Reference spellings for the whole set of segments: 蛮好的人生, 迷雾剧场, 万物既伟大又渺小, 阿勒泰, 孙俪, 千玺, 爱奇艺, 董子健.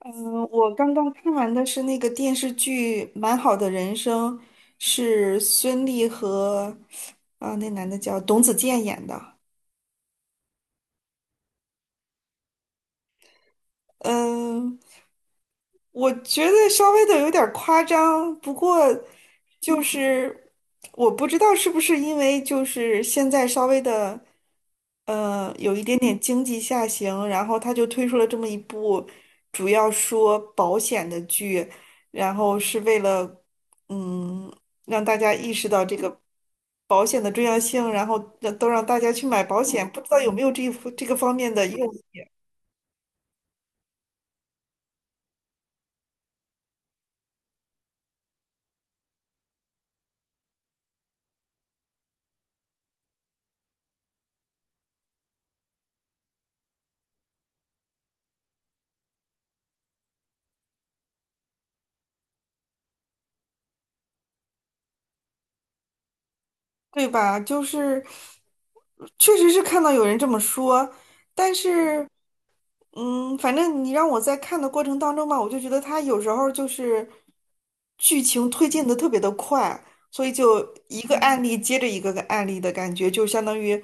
嗯，我刚刚看完的是那个电视剧《蛮好的人生》，是孙俪和那男的叫董子健演的。嗯，我觉得稍微的有点儿夸张，不过就是我不知道是不是因为就是现在稍微的，有一点点经济下行，然后他就推出了这么一部主要说保险的剧，然后是为了嗯让大家意识到这个保险的重要性，然后让都让大家去买保险，不知道有没有这个方面的用。对吧？就是确实是看到有人这么说，但是反正你让我在看的过程当中吧，我就觉得他有时候就是剧情推进的特别的快，所以就一个案例接着一个个案例的感觉，就相当于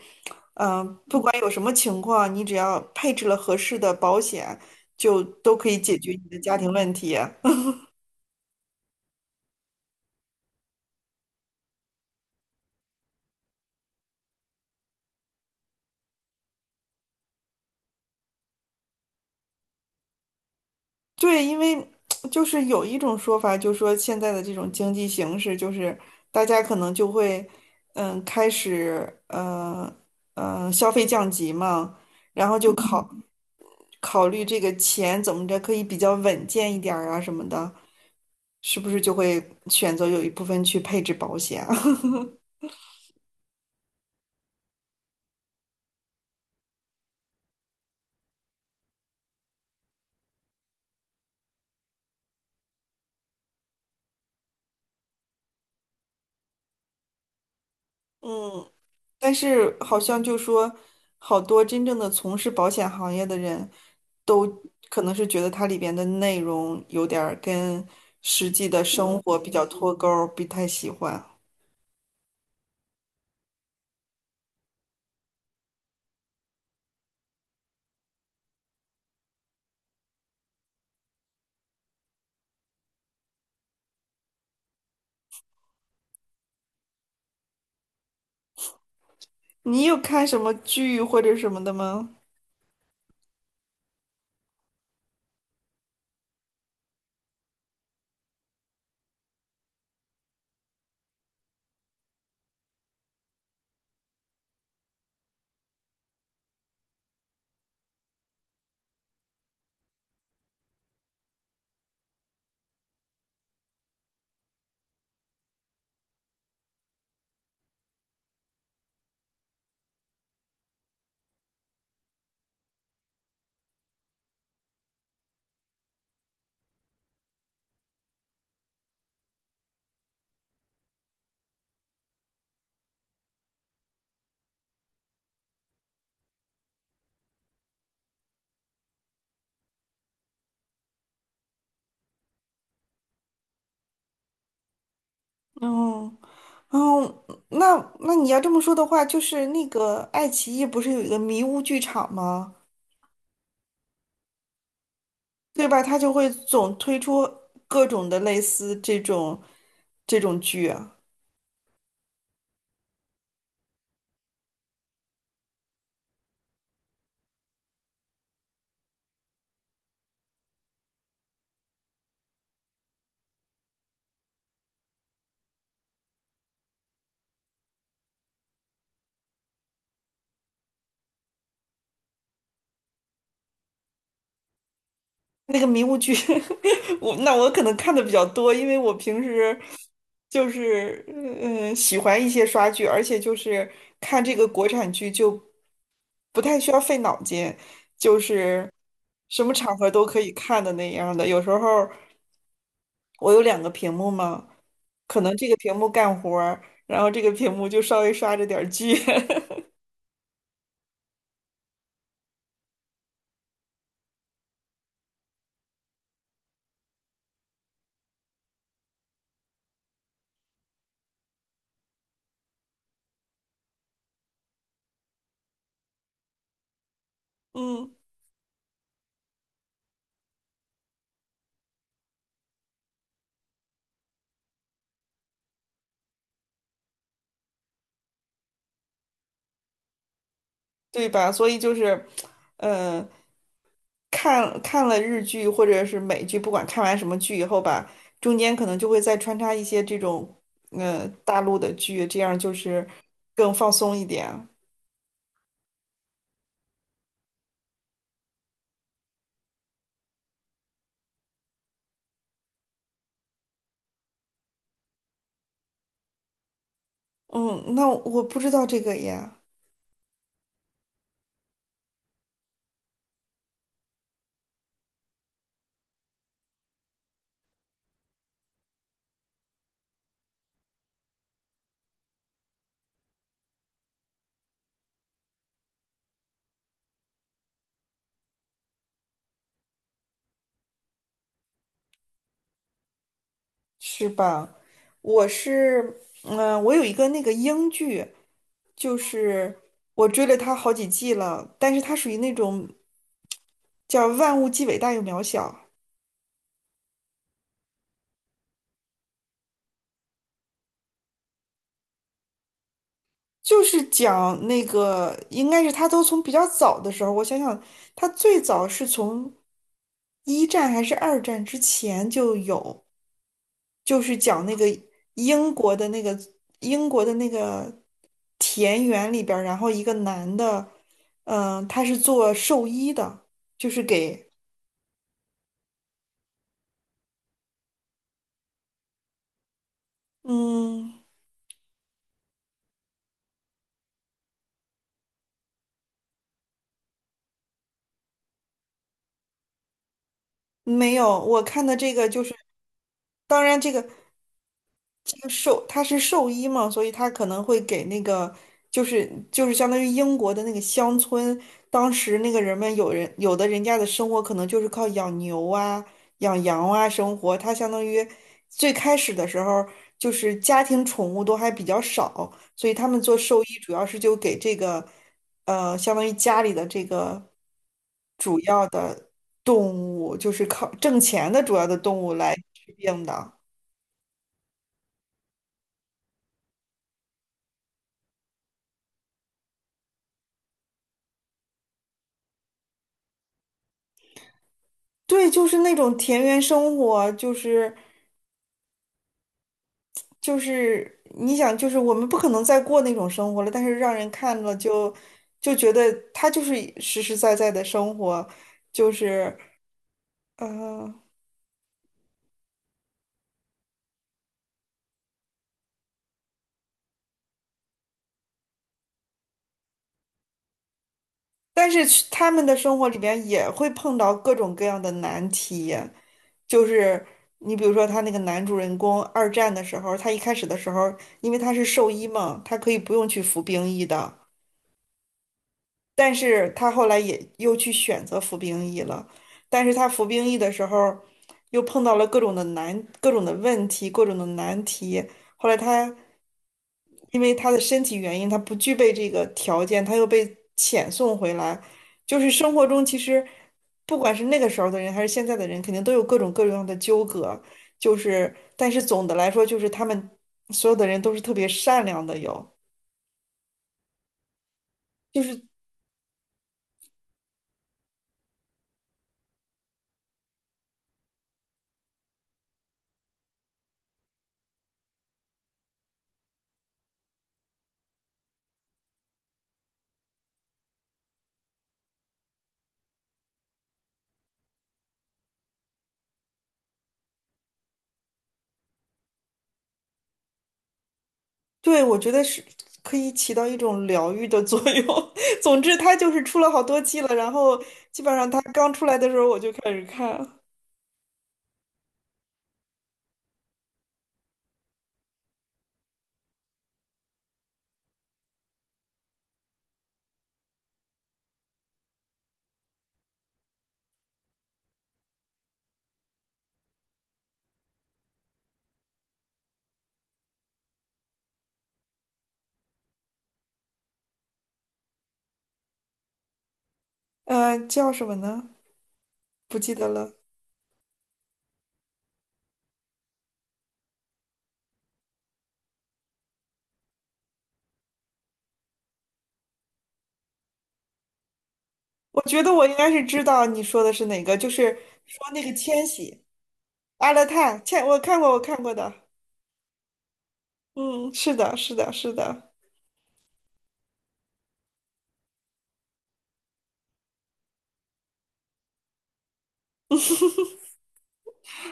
不管有什么情况，你只要配置了合适的保险，就都可以解决你的家庭问题。对，因为就是有一种说法，就说现在的这种经济形势，就是大家可能就会，开始，消费降级嘛，然后就考虑这个钱怎么着可以比较稳健一点儿啊什么的，是不是就会选择有一部分去配置保险啊 嗯。但是好像就说，好多真正的从事保险行业的人都可能是觉得它里边的内容有点儿跟实际的生活比较脱钩儿，不太喜欢。你有看什么剧或者什么的吗？嗯哦，那那你要这么说的话，就是那个爱奇艺不是有一个迷雾剧场吗？对吧？它就会总推出各种的类似这种剧啊。那个迷雾剧，我可能看的比较多，因为我平时就是喜欢一些刷剧，而且就是看这个国产剧就不太需要费脑筋，就是什么场合都可以看的那样的。有时候我有两个屏幕嘛，可能这个屏幕干活儿，然后这个屏幕就稍微刷着点儿剧，嗯，对吧？所以就是，嗯、看了日剧或者是美剧，不管看完什么剧以后吧，中间可能就会再穿插一些这种大陆的剧，这样就是更放松一点。嗯，那我不知道这个呀，是吧？我是嗯、呃我有一个那个英剧，就是我追了它好几季了，但是它属于那种叫万物既伟大又渺小。就是讲那个，应该是他都从比较早的时候，我想想，他最早是从一战还是二战之前就有，就是讲那个英国的那个英国的那个田园里边儿然后一个男的，他是做兽医的，就是给，嗯，没有，我看的这个就是，当然这个。他是兽医嘛，所以他可能会给那个，就是就是相当于英国的那个乡村，当时那个人们有人有的人家的生活可能就是靠养牛啊、养羊啊生活，他相当于最开始的时候就是家庭宠物都还比较少，所以他们做兽医主要是就给这个，相当于家里的这个动物，就是靠挣钱的主要的动物来治病的。对，就是那种田园生活，就是你想，就是我们不可能再过那种生活了，但是让人看了就觉得他就是实实在在的生活，就是呃，但是去他们的生活里边也会碰到各种各样的难题，就是你比如说他那个男主人公二战的时候，他一开始的时候，因为他是兽医嘛，他可以不用去服兵役的，但是他后来也又去选择服兵役了，但是他服兵役的时候，又碰到了各种的问题、各种的难题。后来他因为他的身体原因，他不具备这个条件，他又被遣送回来。就是生活中其实，不管是那个时候的人还是现在的人，肯定都有各种各样的纠葛。就是，但是总的来说，就是他们所有的人都是特别善良的，有。就是。对，我觉得是可以起到一种疗愈的作用。总之，它就是出了好多季了，然后基本上它刚出来的时候我就开始看，嗯，叫什么呢？不记得了。我觉得我应该是知道你说的是哪个，就是说那个千玺、阿勒泰、千，我看过，我看过的。嗯，是的，是的，是的。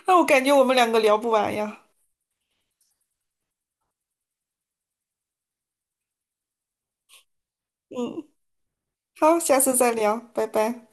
那我感觉我们两个聊不完呀。嗯，好，下次再聊，拜拜。